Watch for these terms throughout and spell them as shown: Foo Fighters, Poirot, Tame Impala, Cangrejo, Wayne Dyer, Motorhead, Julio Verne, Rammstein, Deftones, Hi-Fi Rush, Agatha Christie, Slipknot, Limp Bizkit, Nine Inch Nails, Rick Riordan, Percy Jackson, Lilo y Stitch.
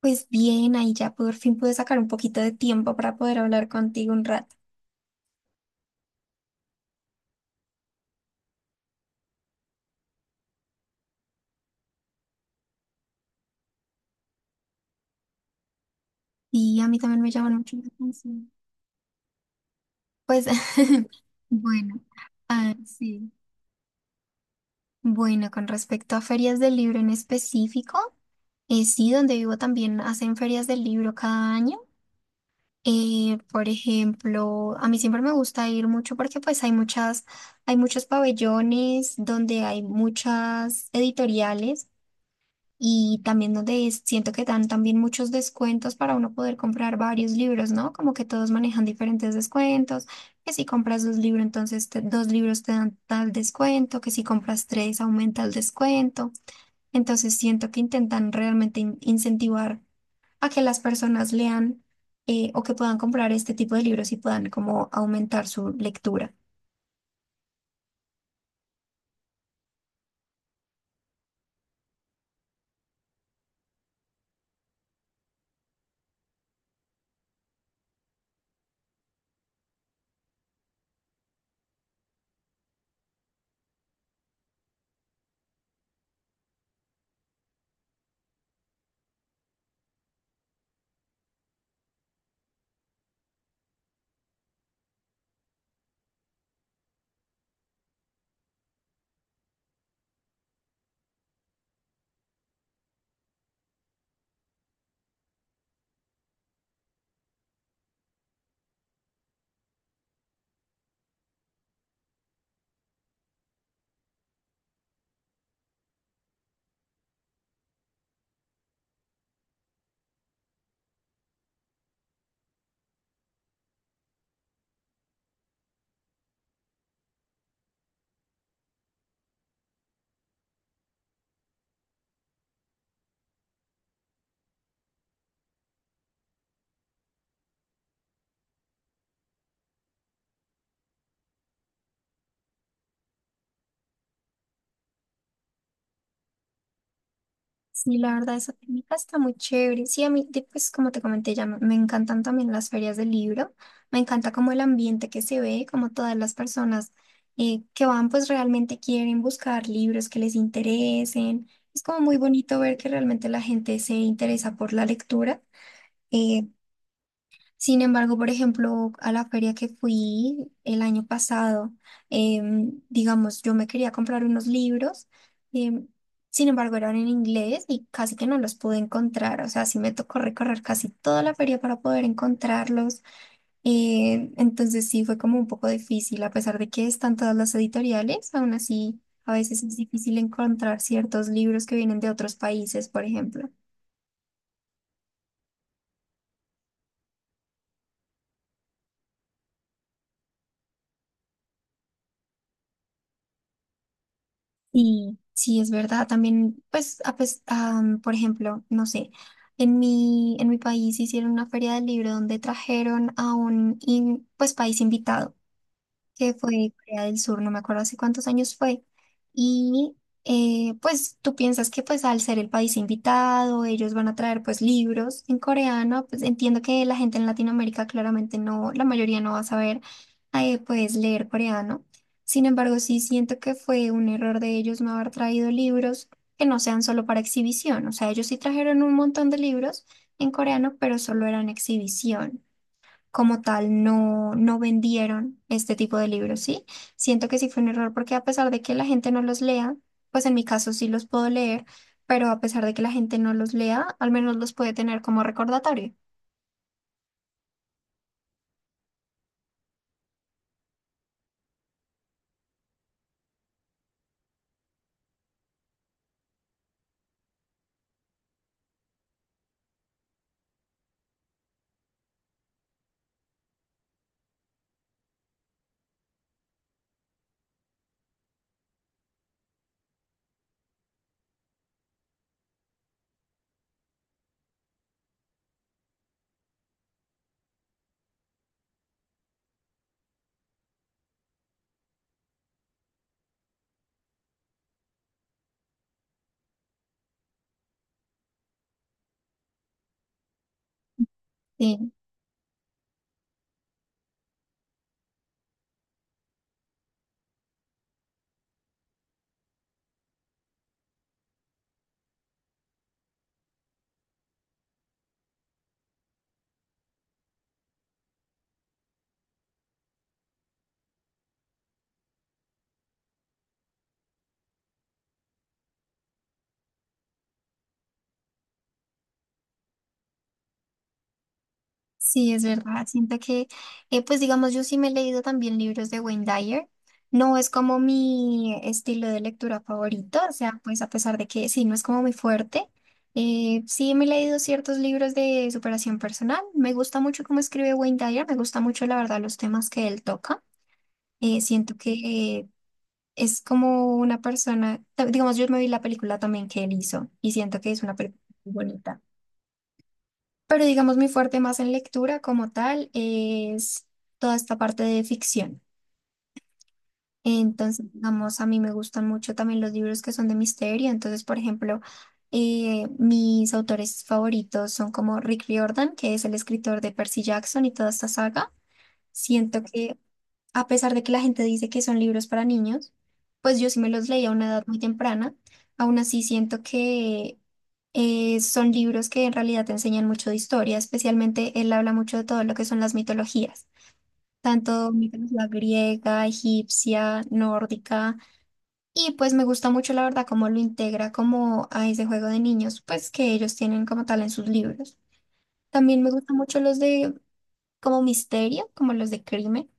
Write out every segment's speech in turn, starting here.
Pues bien, ahí ya por fin pude sacar un poquito de tiempo para poder hablar contigo un rato. Y a mí también me llaman mucho la atención. Pues bueno, ah, sí. Bueno, con respecto a ferias del libro en específico, sí, donde vivo también hacen ferias del libro cada año. Por ejemplo, a mí siempre me gusta ir mucho porque hay muchos pabellones donde hay muchas editoriales y también siento que dan también muchos descuentos para uno poder comprar varios libros, ¿no? Como que todos manejan diferentes descuentos, que si compras dos libros, dos libros te dan tal descuento, que si compras tres aumenta el descuento. Entonces siento que intentan realmente incentivar a que las personas lean, o que puedan comprar este tipo de libros y puedan como aumentar su lectura. Sí, la verdad, esa técnica está muy chévere. Sí, pues como te comenté, ya me encantan también las ferias del libro. Me encanta como el ambiente que se ve, como todas las personas que van, pues realmente quieren buscar libros que les interesen. Es como muy bonito ver que realmente la gente se interesa por la lectura. eh, Sin embargo, por ejemplo, a la feria que fui el año pasado, digamos, yo me quería comprar unos libros, em, sin embargo, eran en inglés y casi que no los pude encontrar. O sea, sí me tocó recorrer casi toda la feria para poder encontrarlos. Entonces sí fue como un poco difícil, a pesar de que están todas las editoriales, aún así a veces es difícil encontrar ciertos libros que vienen de otros países, por ejemplo. Sí, sí, es verdad. También, por ejemplo, no sé, en mi país hicieron una feria del libro donde trajeron a un pues, país invitado que fue Corea del Sur, no me acuerdo hace cuántos años fue. Y pues tú piensas que pues al ser el país invitado, ellos van a traer pues libros en coreano, pues entiendo que la gente en Latinoamérica claramente no, la mayoría no va a saber, pues, leer coreano. Sin embargo, sí siento que fue un error de ellos no haber traído libros que no sean solo para exhibición. O sea, ellos sí trajeron un montón de libros en coreano, pero solo eran exhibición como tal, no, no vendieron este tipo de libros, ¿sí? Siento que sí fue un error porque a pesar de que la gente no los lea, pues en mi caso sí los puedo leer, pero a pesar de que la gente no los lea, al menos los puede tener como recordatorio. Sí. Sí, es verdad. Siento que, pues digamos, yo sí me he leído también libros de Wayne Dyer. No es como mi estilo de lectura favorito, o sea, pues a pesar de que sí, no es como muy fuerte. Sí, me he leído ciertos libros de superación personal. Me gusta mucho cómo escribe Wayne Dyer, me gusta mucho, la verdad, los temas que él toca. Siento que es como una persona, digamos, yo me vi la película también que él hizo y siento que es una película muy bonita. Pero digamos, mi fuerte más en lectura como tal es toda esta parte de ficción. Entonces, digamos, a mí me gustan mucho también los libros que son de misterio. Entonces, por ejemplo, mis autores favoritos son como Rick Riordan, que es el escritor de Percy Jackson y toda esta saga. Siento que a pesar de que la gente dice que son libros para niños, pues yo sí me los leí a una edad muy temprana. Aún así siento que son libros que en realidad te enseñan mucho de historia, especialmente él habla mucho de todo lo que son las mitologías, tanto mitología griega, egipcia, nórdica, y pues me gusta mucho la verdad cómo lo integra como a ese juego de niños, pues que ellos tienen como tal en sus libros. También me gustan mucho los de como misterio, como los de crimen.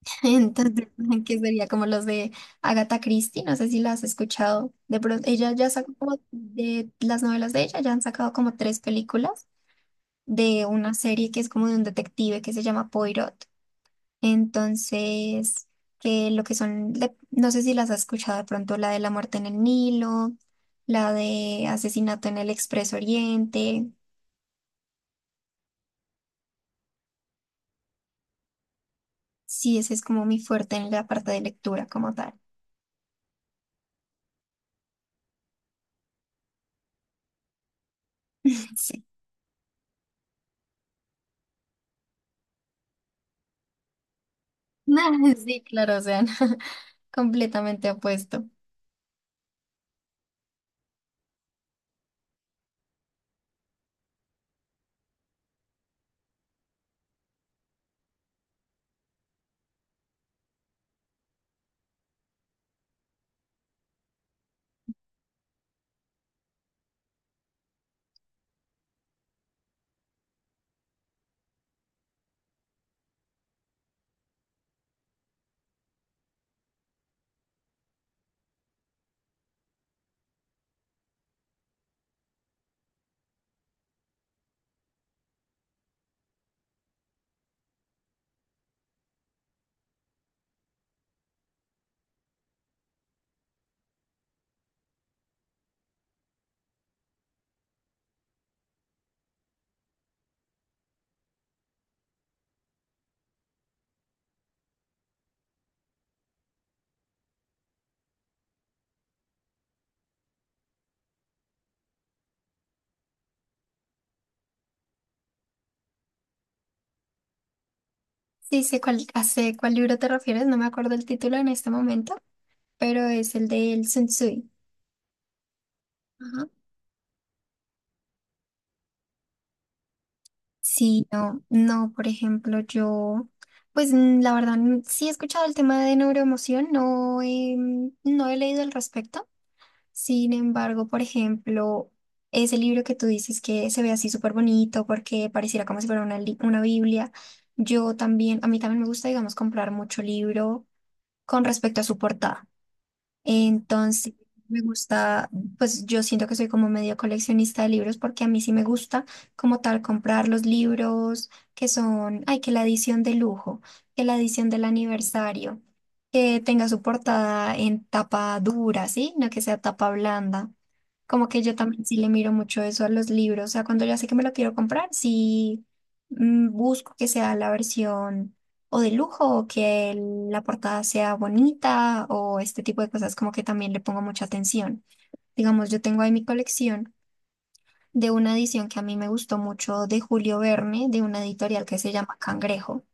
Entonces, que sería como los de Agatha Christie, no sé si las has escuchado. De pronto, ella ya sacó como de las novelas de ella, ya han sacado como tres películas de una serie que es como de un detective que se llama Poirot. Entonces, que lo que son, de- no sé si las has escuchado de pronto, la de la muerte en el Nilo, la de asesinato en el Expreso Oriente. Sí, ese es como mi fuerte en la parte de lectura como tal. Sí. Sí, claro, o sea, no, completamente opuesto. Sí, sé cuál, hace cuál libro te refieres, no me acuerdo el título en este momento, pero es el de El Sensui. Ajá. Sí, no, no, por ejemplo, yo, la verdad, sí he escuchado el tema de neuroemoción, no, no he leído al respecto. Sin embargo, por ejemplo, ese libro que tú dices que se ve así súper bonito porque pareciera como si fuera una, una Biblia, yo también, a mí también me gusta, digamos, comprar mucho libro con respecto a su portada. Entonces, me gusta, pues yo siento que soy como medio coleccionista de libros porque a mí sí me gusta como tal comprar los libros que son, ay, que la edición de lujo, que la edición del aniversario, que tenga su portada en tapa dura, ¿sí? No que sea tapa blanda. Como que yo también sí le miro mucho eso a los libros. O sea, cuando ya sé que me lo quiero comprar, sí, busco que sea la versión o de lujo, o que la portada sea bonita o este tipo de cosas, como que también le pongo mucha atención. Digamos, yo tengo ahí mi colección de una edición que a mí me gustó mucho de Julio Verne, de una editorial que se llama Cangrejo.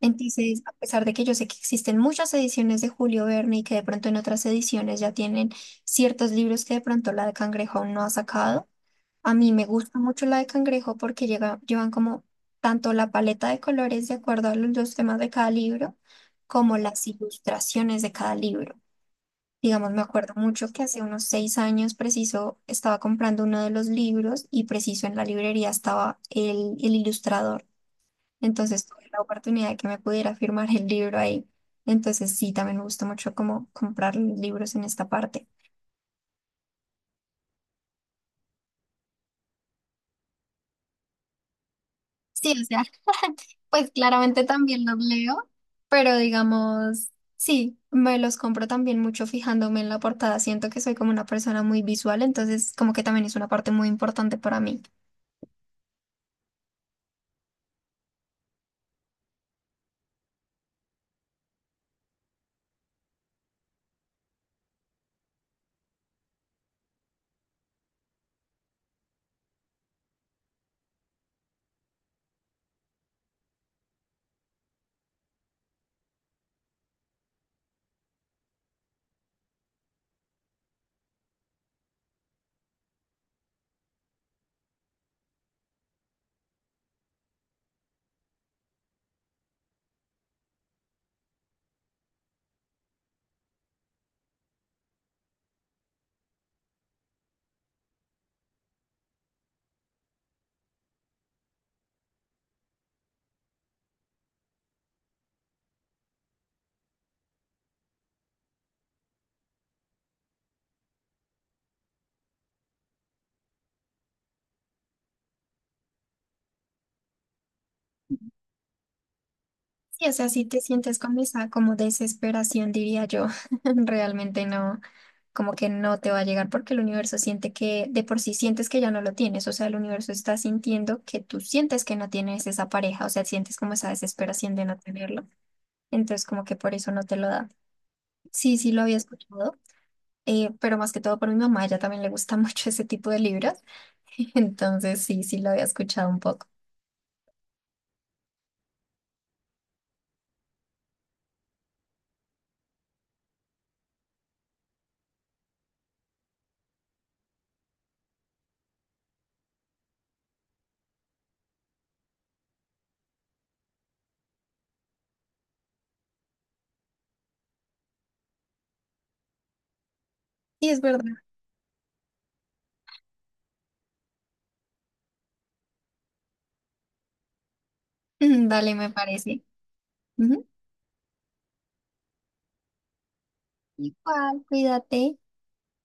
Entonces, a pesar de que yo sé que existen muchas ediciones de Julio Verne y que de pronto en otras ediciones ya tienen ciertos libros que de pronto la de Cangrejo aún no ha sacado, a mí me gusta mucho la de cangrejo porque llevan como tanto la paleta de colores de acuerdo a los temas de cada libro, como las ilustraciones de cada libro. Digamos, me acuerdo mucho que hace unos 6 años preciso estaba comprando uno de los libros y preciso en la librería estaba el ilustrador. Entonces tuve la oportunidad de que me pudiera firmar el libro ahí. Entonces sí, también me gusta mucho como comprar libros en esta parte. Sí, o sea, pues claramente también los leo, pero digamos, sí, me los compro también mucho fijándome en la portada. Siento que soy como una persona muy visual, entonces como que también es una parte muy importante para mí. Sí, o sea, si te sientes con esa como desesperación, diría yo, realmente no, como que no te va a llegar porque el universo siente que de por sí sientes que ya no lo tienes, o sea, el universo está sintiendo que tú sientes que no tienes esa pareja, o sea, sientes como esa desesperación de no tenerlo. Entonces, como que por eso no te lo da. Sí, sí lo había escuchado, pero más que todo por mi mamá, a ella también le gusta mucho ese tipo de libros. Entonces, sí, sí lo había escuchado un poco. Sí, es verdad. Dale, me parece. Ujú. Igual, cuídate.